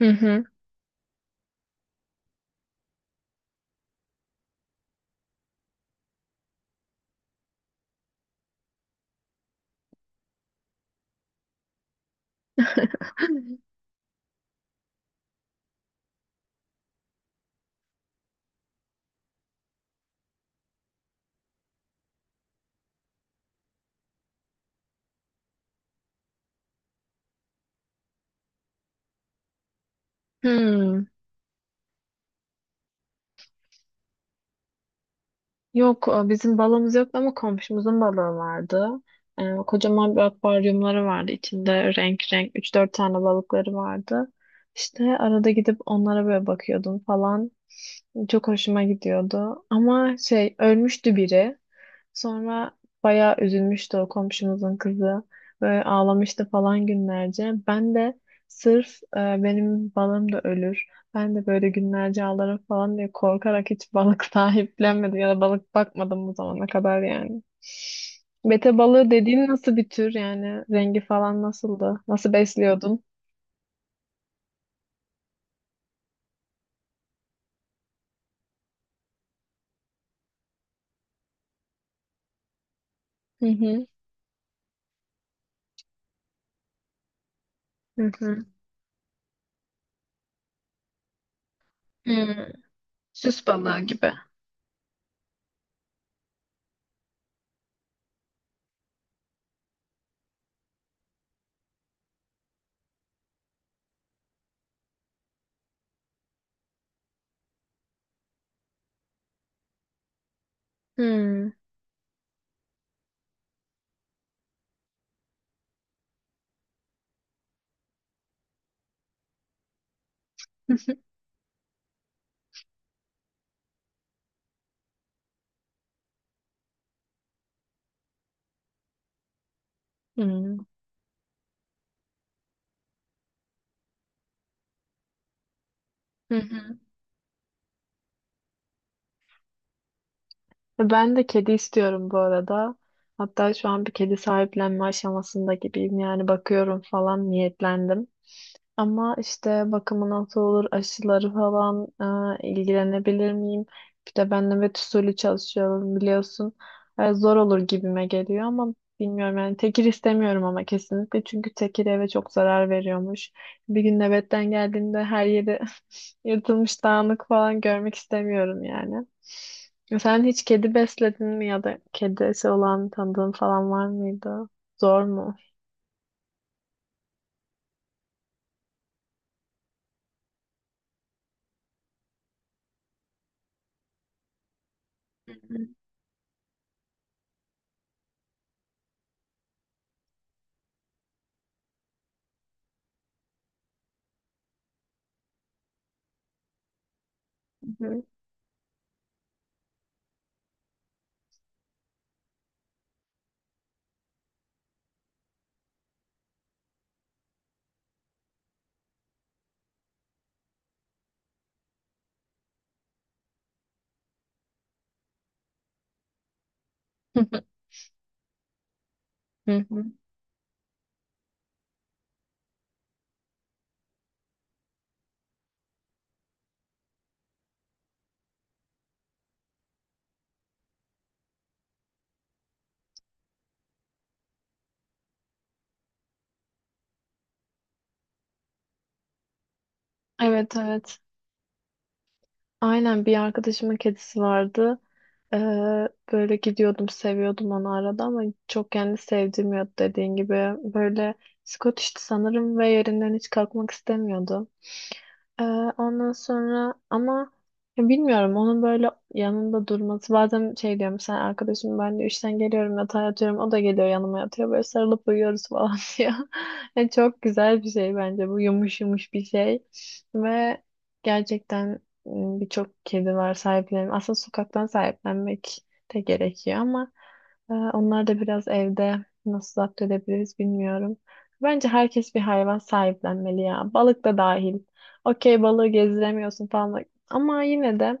Hı hı. Hmm. Yok bizim balığımız yoktu ama komşumuzun balığı vardı. Kocaman bir akvaryumları vardı. İçinde renk renk üç dört tane balıkları vardı. İşte arada gidip onlara böyle bakıyordum falan. Çok hoşuma gidiyordu. Ama şey ölmüştü biri. Sonra bayağı üzülmüştü o komşumuzun kızı. Böyle ağlamıştı falan günlerce. Ben de sırf benim balım da ölür. Ben de böyle günlerce ağlarım falan diye korkarak hiç balık sahiplenmedim ya da balık bakmadım bu zamana kadar yani. Bete balığı dediğin nasıl bir tür yani rengi falan nasıldı? Nasıl besliyordun? Hı hı. Hı hı. Hmm. Süs balığı gibi. Hı. Hı. Hı hı. Ben de kedi istiyorum bu arada. Hatta şu an bir kedi sahiplenme aşamasında gibiyim. Yani bakıyorum falan niyetlendim. Ama işte bakımı nasıl olur, aşıları falan ilgilenebilir miyim? Bir de ben nöbet usulü çalışıyorum biliyorsun. Zor olur gibime geliyor ama bilmiyorum yani tekir istemiyorum ama kesinlikle çünkü tekir eve çok zarar veriyormuş. Bir gün nöbetten geldiğimde her yeri yırtılmış dağınık falan görmek istemiyorum yani. Sen hiç kedi besledin mi ya da kedisi olan tanıdığın falan var mıydı? Zor mu? Hı hı. Hı hı. Hı hı. Evet evet. Aynen bir arkadaşımın kedisi vardı. Ee, böyle gidiyordum, seviyordum onu arada ama çok kendi sevdirmiyordu dediğin gibi. Böyle Scottish'ti sanırım ve yerinden hiç kalkmak istemiyordu. Ee, ondan sonra ama ya bilmiyorum onun böyle yanında durması bazen şey diyorum sen arkadaşım ben de işten geliyorum yatağa yatıyorum o da geliyor yanıma yatıyor böyle sarılıp uyuyoruz falan diyor. Yani çok güzel bir şey bence bu yumuş yumuş bir şey ve gerçekten birçok kedi var sahiplenin aslında sokaktan sahiplenmek de gerekiyor ama onlar da biraz evde nasıl zapt edebiliriz bilmiyorum. Bence herkes bir hayvan sahiplenmeli ya balık da dahil. Okey balığı gezdiremiyorsun falan. Ama yine de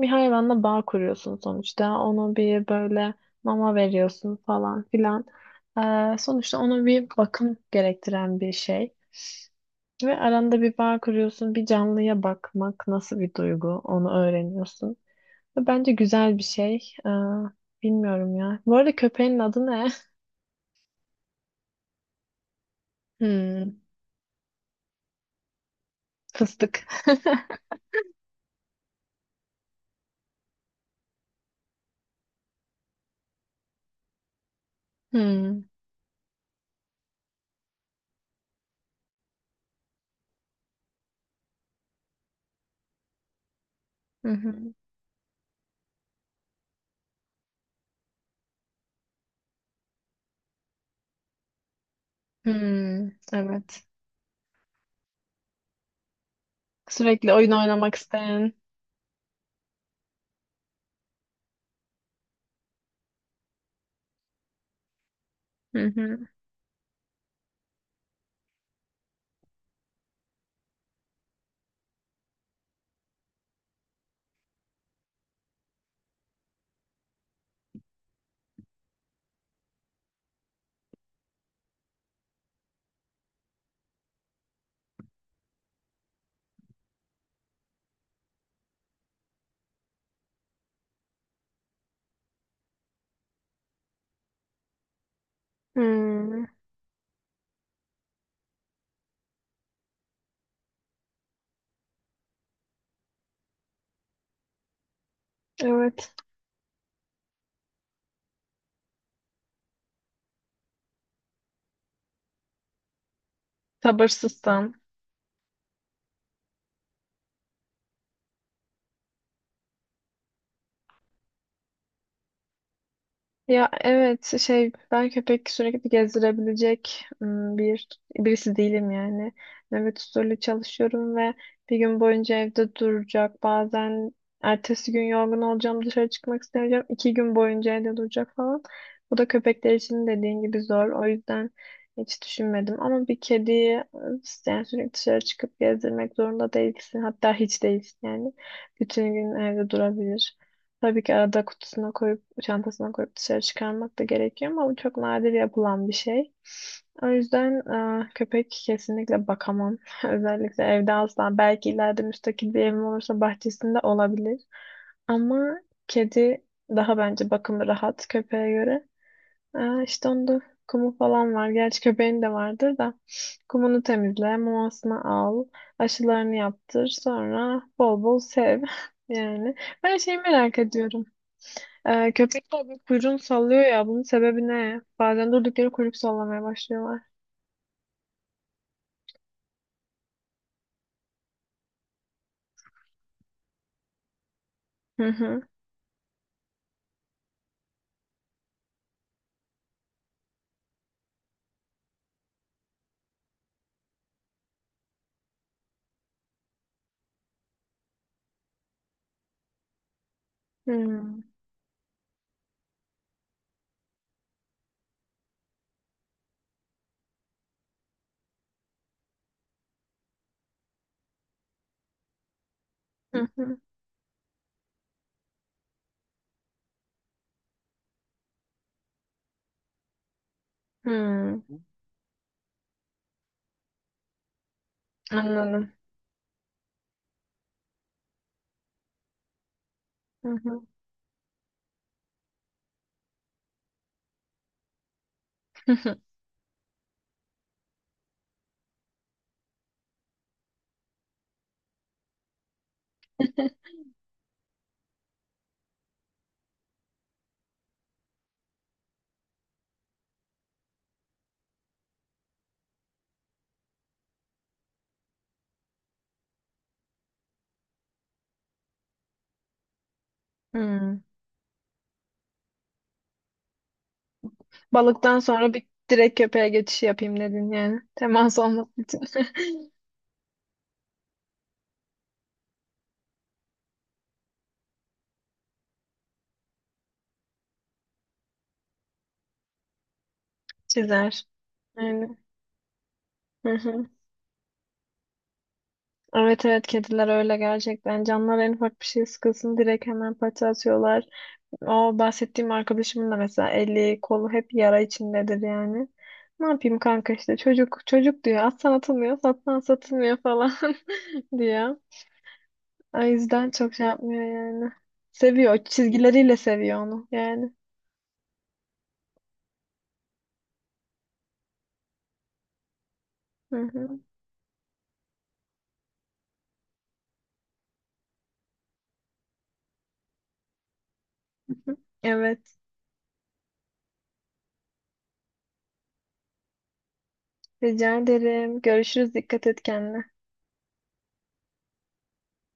bir hayvanla bağ kuruyorsun sonuçta. Onu bir böyle mama veriyorsun falan filan. Sonuçta ona bir bakım gerektiren bir şey. Ve aranda bir bağ kuruyorsun. Bir canlıya bakmak nasıl bir duygu onu öğreniyorsun. Ve bence güzel bir şey. Ee, bilmiyorum ya. Bu arada köpeğin adı ne? Hmm, fıstık. Hmm. Hı hı. Hmm. Evet. Sürekli oyun oynamak isteyen. Hı hı. Hmm, evet. Sabırsızsam. Ya evet şey ben köpek sürekli gezdirebilecek bir birisi değilim yani. Nöbet usulü çalışıyorum ve bir gün boyunca evde duracak. Bazen ertesi gün yorgun olacağım dışarı çıkmak istemeyeceğim. İki gün boyunca evde duracak falan. Bu da köpekler için dediğin gibi zor. O yüzden hiç düşünmedim. Ama bir kediyi yani sürekli dışarı çıkıp gezdirmek zorunda değilsin. Hatta hiç değilsin yani. Bütün gün evde durabilir. Tabii ki arada kutusuna koyup, çantasına koyup dışarı çıkarmak da gerekiyor ama bu çok nadir yapılan bir şey. O yüzden köpek kesinlikle bakamam. Özellikle evde asla. Belki ileride müstakil bir evim olursa bahçesinde olabilir. Ama kedi daha bence bakımı rahat köpeğe göre. E, işte onda kumu falan var. Gerçi köpeğin de vardır da. Kumunu temizle, mamasını al, aşılarını yaptır. Sonra bol bol sev. Yani. Ben şeyi merak ediyorum. Köpekler bir kuyruğunu sallıyor ya. Bunun sebebi ne? Bazen durdukları kuyruk sallamaya başlıyorlar. Hı hı. Hmm. Hı hı. Hmm. Anladım. Hı hı. Hmm. Balıktan sonra bir direkt köpeğe geçiş yapayım dedin yani. Temas olması için. Çizer. Yani. Hı hı. Evet evet kediler öyle gerçekten. Canlar en ufak bir şey sıkılsın direkt hemen paça atıyorlar. O bahsettiğim arkadaşımın da mesela eli kolu hep yara içindedir yani. Ne yapayım kanka işte çocuk çocuk diyor. Atsan atılmıyor, satsan satılmıyor falan diyor. O yüzden çok şey yapmıyor yani. Seviyor. O çizgileriyle seviyor onu yani. Hı hı. Hı hı. Evet. Rica ederim. Görüşürüz. Dikkat et kendine.